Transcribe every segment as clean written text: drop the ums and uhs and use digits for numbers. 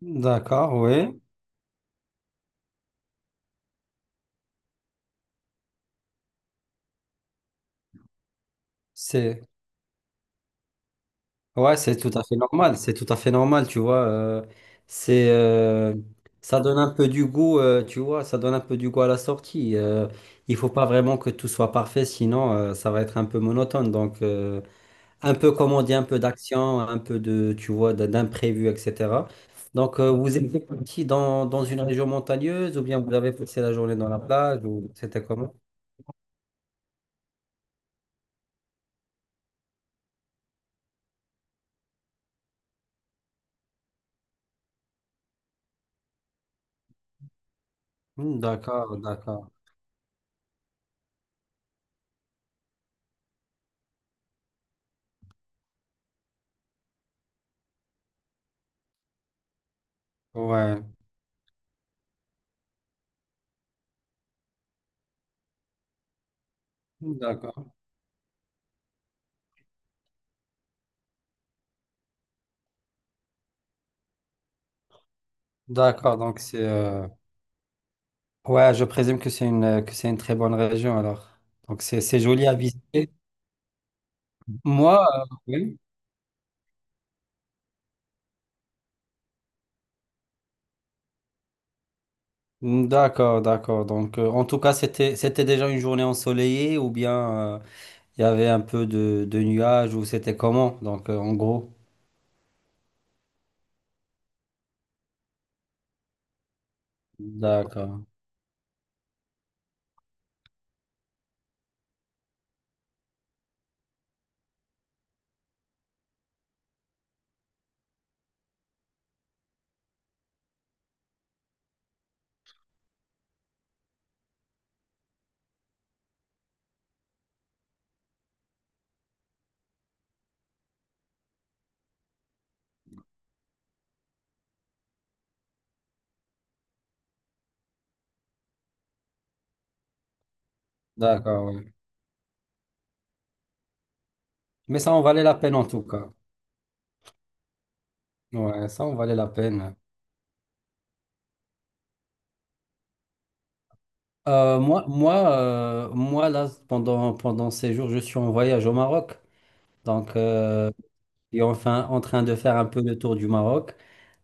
D'accord, oui. C'est ouais, c'est tout à fait normal. C'est tout à fait normal, tu vois. C'est Ça donne un peu du goût, tu vois. Ça donne un peu du goût à la sortie. Il faut pas vraiment que tout soit parfait, sinon ça va être un peu monotone. Donc un peu comme on dit, un peu d'action, un peu de, tu vois, d'imprévu, etc. Donc vous êtes parti dans une région montagneuse ou bien vous avez passé la journée dans la plage ou c'était comment? Hmm, d'accord, d'accord. Ouais, d'accord. D'accord, donc c'est ouais, je présume que c'est une très bonne région alors. Donc c'est joli à visiter. Oui. D'accord, d'accord. Donc en tout cas, c'était déjà une journée ensoleillée ou bien il y avait un peu de, nuages ou c'était comment? Donc en gros. D'accord. D'accord, ouais. Mais ça en valait la peine en tout cas. Ouais, ça en valait la peine. Moi là pendant ces jours, je suis en voyage au Maroc. Donc, suis enfin en train de faire un peu le tour du Maroc.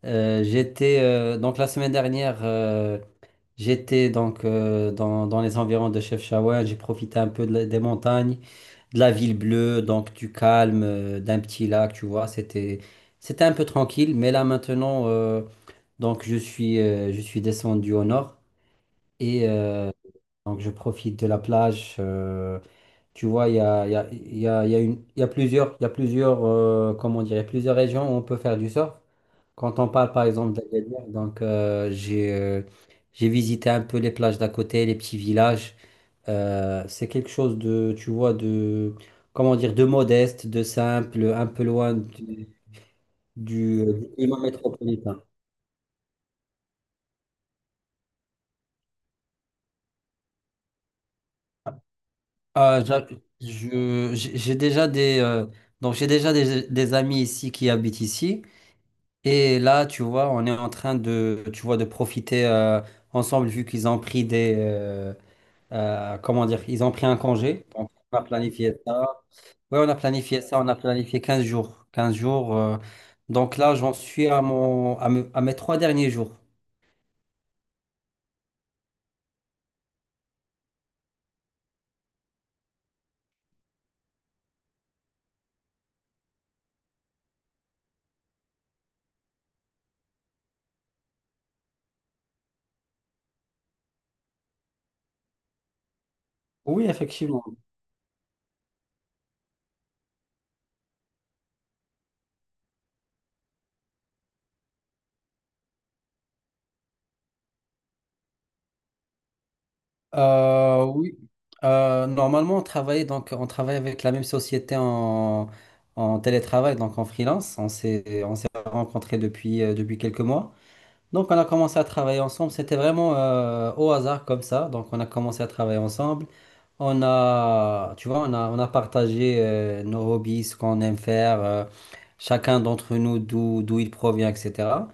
J'étais Donc la semaine dernière, j'étais donc, dans les environs de Chefchaouen. J'ai profité un peu de des montagnes, de la ville bleue, donc du calme, d'un petit lac, tu vois. C'était un peu tranquille, mais là maintenant, donc je suis descendu au nord et donc je profite de la plage. Tu vois, il y a, il y a, il y a, il y a une- il y a plusieurs, comment dire, il y a plusieurs régions où on peut faire du surf. Quand on parle par exemple d'Agadir, donc j'ai visité un peu les plages d'à côté, les petits villages. C'est quelque chose de, tu vois, de, comment dire, de modeste, de simple, un peu loin du climat métropolitain. Ah, j'a- je, j'ai déjà des, donc j'ai déjà des amis ici qui habitent ici. Et là, tu vois, on est en train de, tu vois, de profiter ensemble vu qu'ils ont pris des, comment dire, ils ont pris un congé. Donc, on a planifié ça. Oui, on a planifié ça. On a planifié 15 jours. 15 jours. Donc là, j'en suis à mon, à mes 3 derniers jours. Oui, effectivement. Oui. Normalement, on travaille avec la même société en télétravail, donc en freelance. On s'est rencontrés depuis quelques mois. Donc on a commencé à travailler ensemble, c'était vraiment au hasard comme ça. Donc on a commencé à travailler ensemble. On a, tu vois, on a partagé nos hobbies, ce qu'on aime faire, chacun d'entre nous d'où il provient, etc.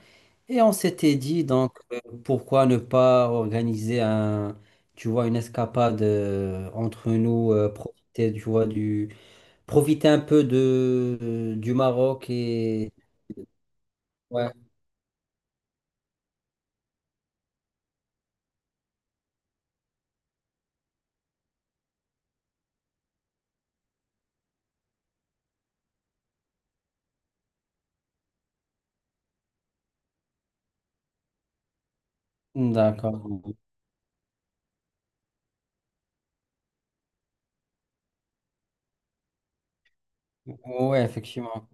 Et on s'était dit donc pourquoi ne pas organiser tu vois, une escapade entre nous, profiter, tu vois, profiter un peu de, du Maroc et ouais, d'accord, ouais, effectivement,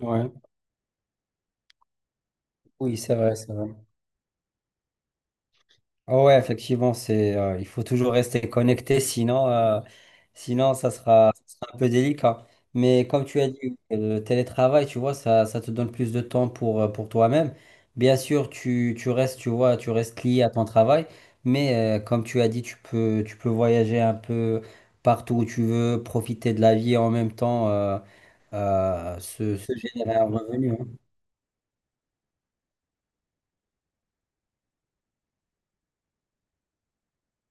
ouais. Oui, c'est vrai, c'est vrai. Ah ouais, effectivement, il faut toujours rester connecté, sinon ça sera, un peu délicat. Mais comme tu as dit, le télétravail, tu vois, ça te donne plus de temps pour, pour toi-même. Bien sûr, tu restes, tu vois, tu restes lié à ton travail, mais comme tu as dit, tu peux voyager un peu partout où tu veux, profiter de la vie et en même temps se générer un revenu, hein.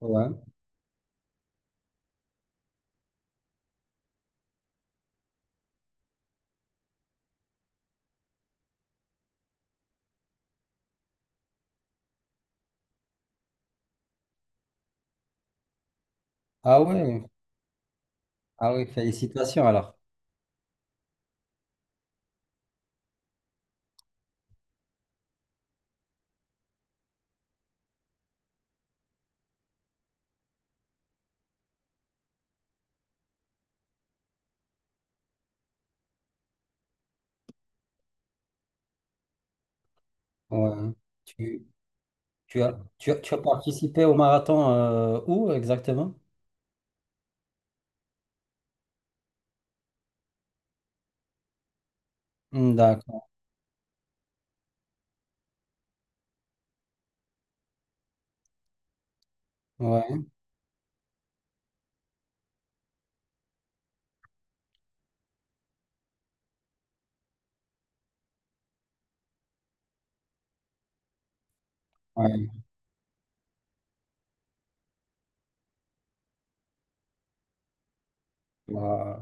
Ouais. Ah ouais, ah ouais, félicitations alors. Ouais. Tu, tu as participé au marathon où exactement? Hmm, d'accord. Ouais. Ouais. Bah,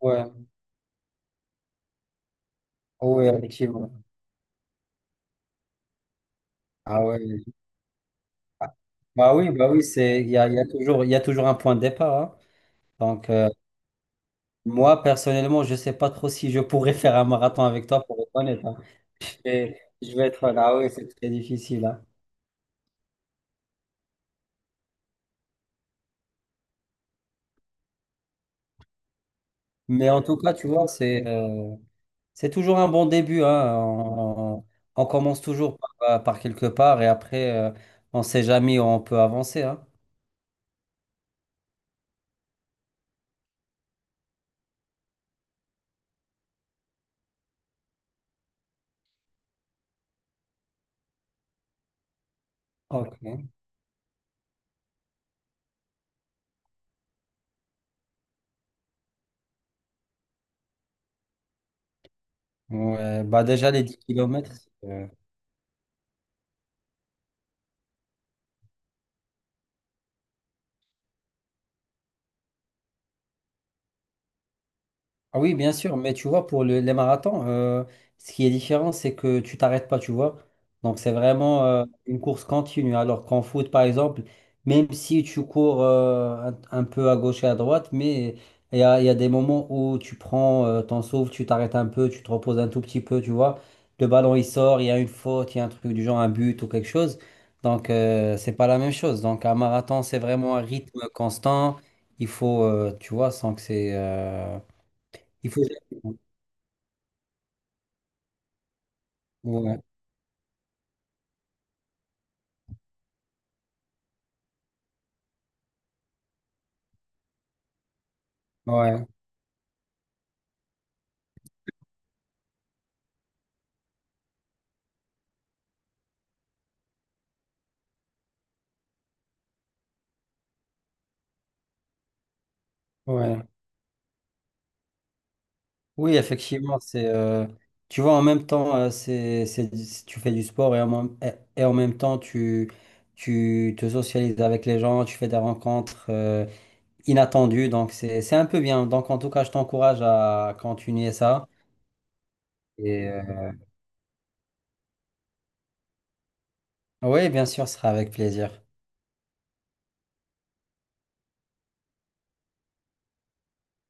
ouais. Oh, ouais, effectivement. Ah ouais. Ah, bah oui, bah oui, il y a toujours un point de départ, hein. Donc, moi, personnellement, je sais pas trop si je pourrais faire un marathon avec toi, pour être honnête, hein. Et je vais être là, oui, c'est très difficile, hein. Mais en tout cas, tu vois, c'est toujours un bon début, hein. On commence toujours par, quelque part et après, on ne sait jamais où on peut avancer, hein. Ok. Ouais, bah déjà, les 10 km. Ah oui, bien sûr, mais tu vois, pour les marathons, ce qui est différent, c'est que tu t'arrêtes pas, tu vois. Donc, c'est vraiment une course continue. Alors qu'en foot, par exemple, même si tu cours un peu à gauche et à droite, mais il y a des moments où tu prends ton souffle, tu t'arrêtes un peu, tu te reposes un tout petit peu, tu vois. Le ballon, il sort, il y a une faute, il y a un truc du genre, un but ou quelque chose. Donc, c'est pas la même chose. Donc, un marathon, c'est vraiment un rythme constant. Il faut, tu vois, sans que il faut. Ouais, ouais, ouais. Oui, effectivement, c'est. Tu vois, en même temps, tu fais du sport et en même temps, tu te socialises avec les gens, tu fais des rencontres inattendues. Donc, c'est un peu bien. Donc, en tout cas, je t'encourage à continuer ça. Et oui, bien sûr, ce sera avec plaisir.